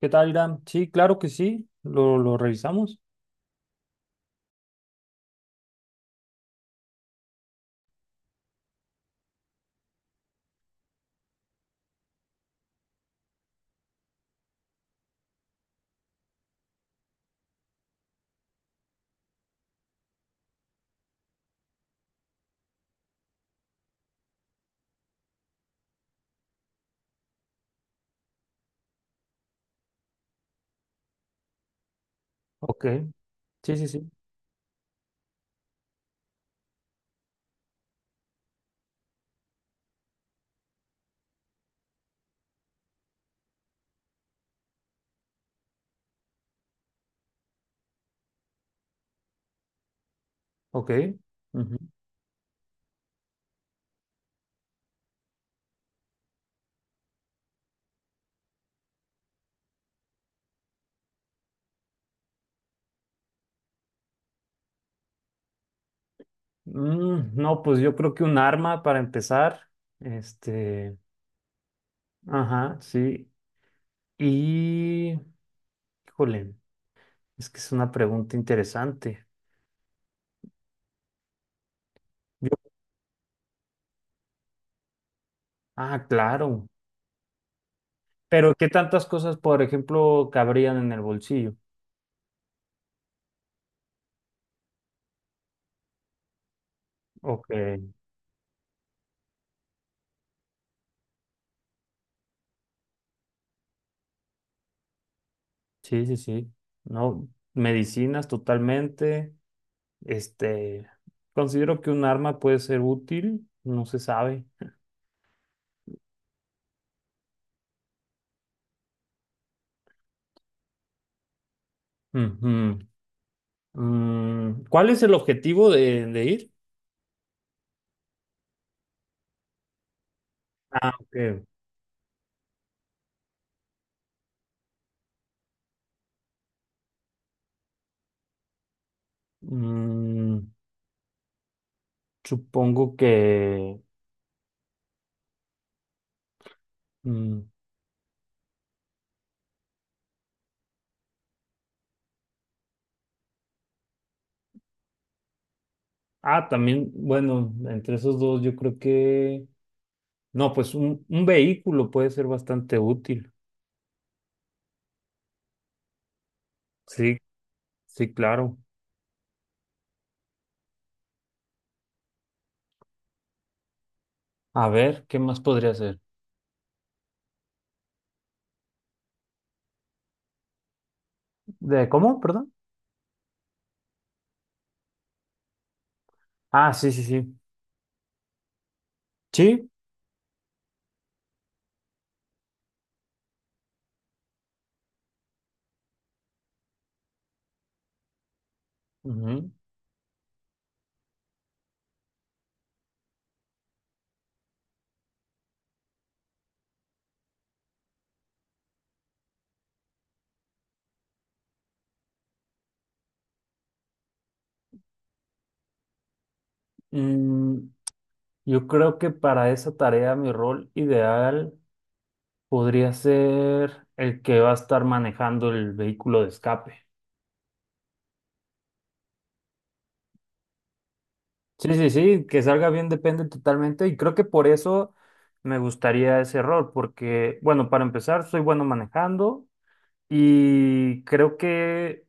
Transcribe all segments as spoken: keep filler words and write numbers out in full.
¿Qué tal, Irán? Sí, claro que sí. Lo, lo revisamos. Ok. Sí, sí, sí. Ok. Ujú. Mm, no, pues yo creo que un arma para empezar. Este. Ajá, sí. Y. Híjole, es que es una pregunta interesante. Yo- Ah, claro. Pero, ¿qué tantas cosas, por ejemplo, cabrían en el bolsillo? Ok. Sí, sí, sí. No, medicinas totalmente. Este, considero que un arma puede ser útil, no se sabe. Ujú. Mm, ¿cuál es el objetivo de, de ir? Ah, ok. Mm, Supongo que... mm, ah, también, bueno, entre esos dos yo creo que... No, pues un, un vehículo puede ser bastante útil. Sí, sí, claro. A ver, ¿qué más podría ser? ¿De cómo? Perdón. Ah, sí, sí, sí. Sí. Ujú. Mm, Yo creo que para esa tarea mi rol ideal podría ser el que va a estar manejando el vehículo de escape. Sí, sí, sí, que salga bien depende totalmente y creo que por eso me gustaría ese rol, porque bueno, para empezar, soy bueno manejando y creo que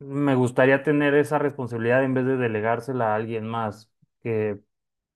me gustaría tener esa responsabilidad en vez de delegársela a alguien más,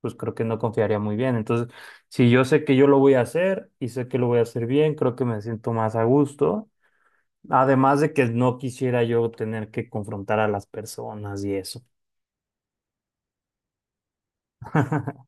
pues creo que no confiaría muy bien. Entonces, si yo sé que yo lo voy a hacer y sé que lo voy a hacer bien, creo que me siento más a gusto. Además de que no quisiera yo tener que confrontar a las personas y eso.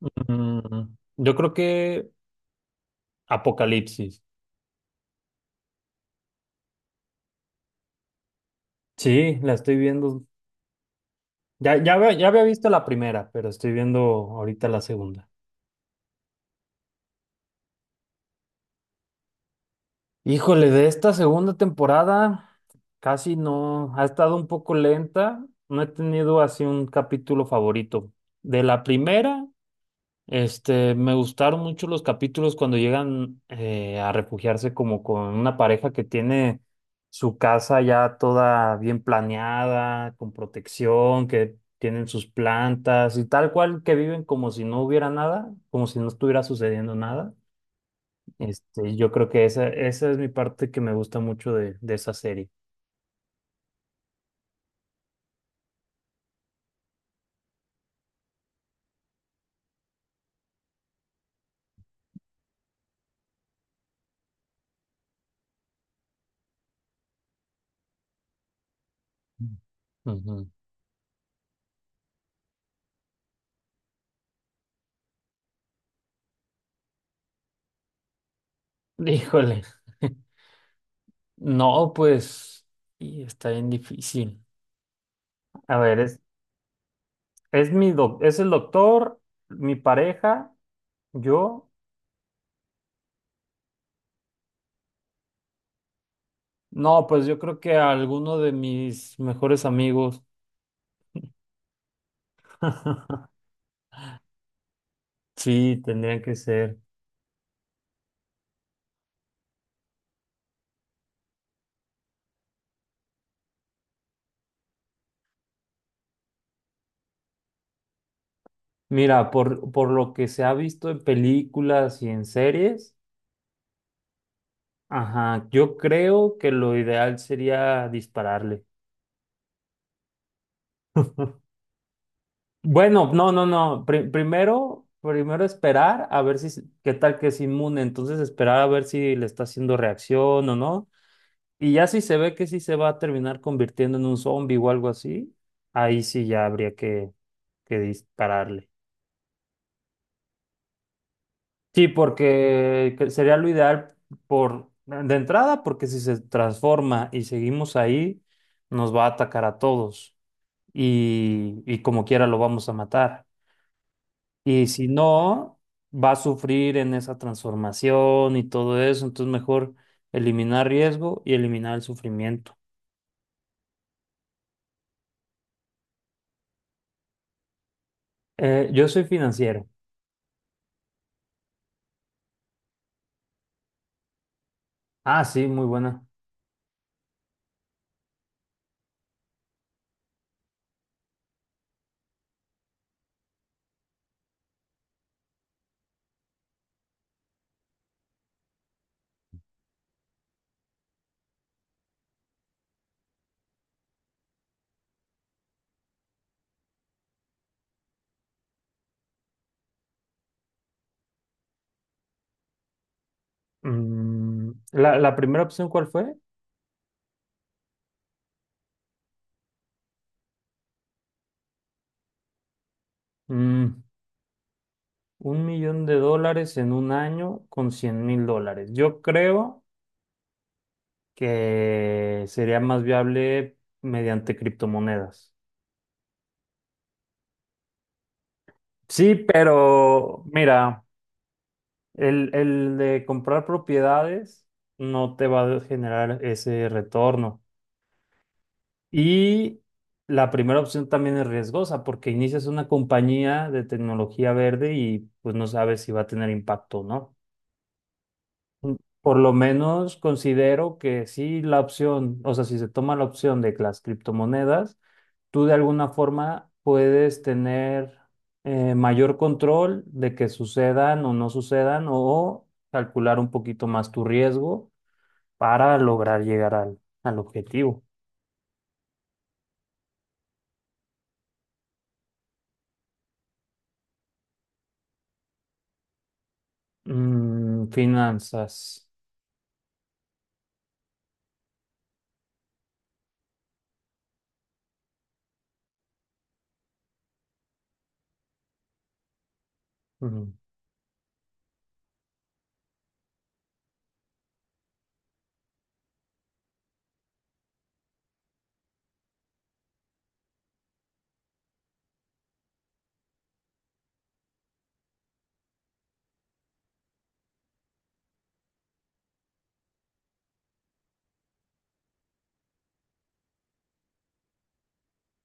Mm, yo creo que Apocalipsis. Sí, la estoy viendo. Ya, ya, había- ya había visto la primera, pero estoy viendo ahorita la segunda. Híjole, de esta segunda temporada casi no, ha estado un poco lenta, no he tenido así un capítulo favorito. De la primera, este, me gustaron mucho los capítulos cuando llegan eh, a refugiarse como con una pareja que tiene su casa ya toda bien planeada, con protección, que tienen sus plantas y tal cual que viven como si no hubiera nada, como si no estuviera sucediendo nada. Este, yo creo que esa, esa es mi parte que me gusta mucho de, de esa serie. Ujú. Híjole. No, pues, y está bien difícil. A ver, es, es mi doc- es el doctor, mi pareja, yo. No, pues yo creo que alguno de mis mejores amigos. Sí, tendrían que ser. Mira, por, por lo que se ha visto en películas y en series, ajá, yo creo que lo ideal sería dispararle. Bueno, no, no, no. Pri- primero, primero esperar a ver si, se- qué tal que es inmune. Entonces esperar a ver si le está haciendo reacción o no. Y ya si se ve que sí se va a terminar convirtiendo en un zombie o algo así, ahí sí ya habría que, que dispararle. Sí, porque que sería lo ideal por de entrada, porque si se transforma y seguimos ahí, nos va a atacar a todos y, y como quiera lo vamos a matar. Y si no, va a sufrir en esa transformación y todo eso. Entonces, mejor eliminar riesgo y eliminar el sufrimiento. Eh, yo soy financiero. Ah, sí, muy buena. Mm, la, la primera opción, ¿cuál fue? Mm, Un millón de dólares en un año con cien mil dólares. Yo creo que sería más viable mediante criptomonedas. Sí, pero mira. El, el de comprar propiedades no te va a generar ese retorno. Y la primera opción también es riesgosa porque inicias una compañía de tecnología verde y pues no sabes si va a tener impacto o no. mm, Por lo menos considero que sí la opción, o sea, si se toma la opción de que las criptomonedas, tú de alguna forma puedes tener eh, mayor control de que sucedan o no sucedan o calcular un poquito más tu riesgo para lograr llegar al, al objetivo. Mm, finanzas. Mm.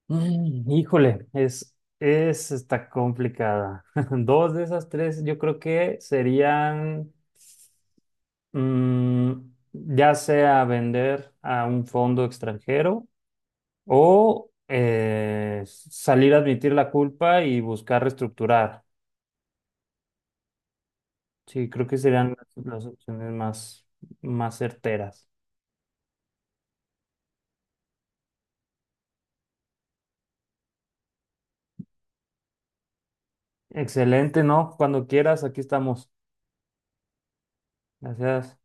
Mm, híjole, es, es, está complicada. Dos de esas tres yo creo que serían... Mm, ya sea vender a un fondo extranjero o eh, salir a admitir la culpa y buscar reestructurar. Sí, creo que serían las, las opciones más, más certeras. Excelente, ¿no? Cuando quieras, aquí estamos. Gracias.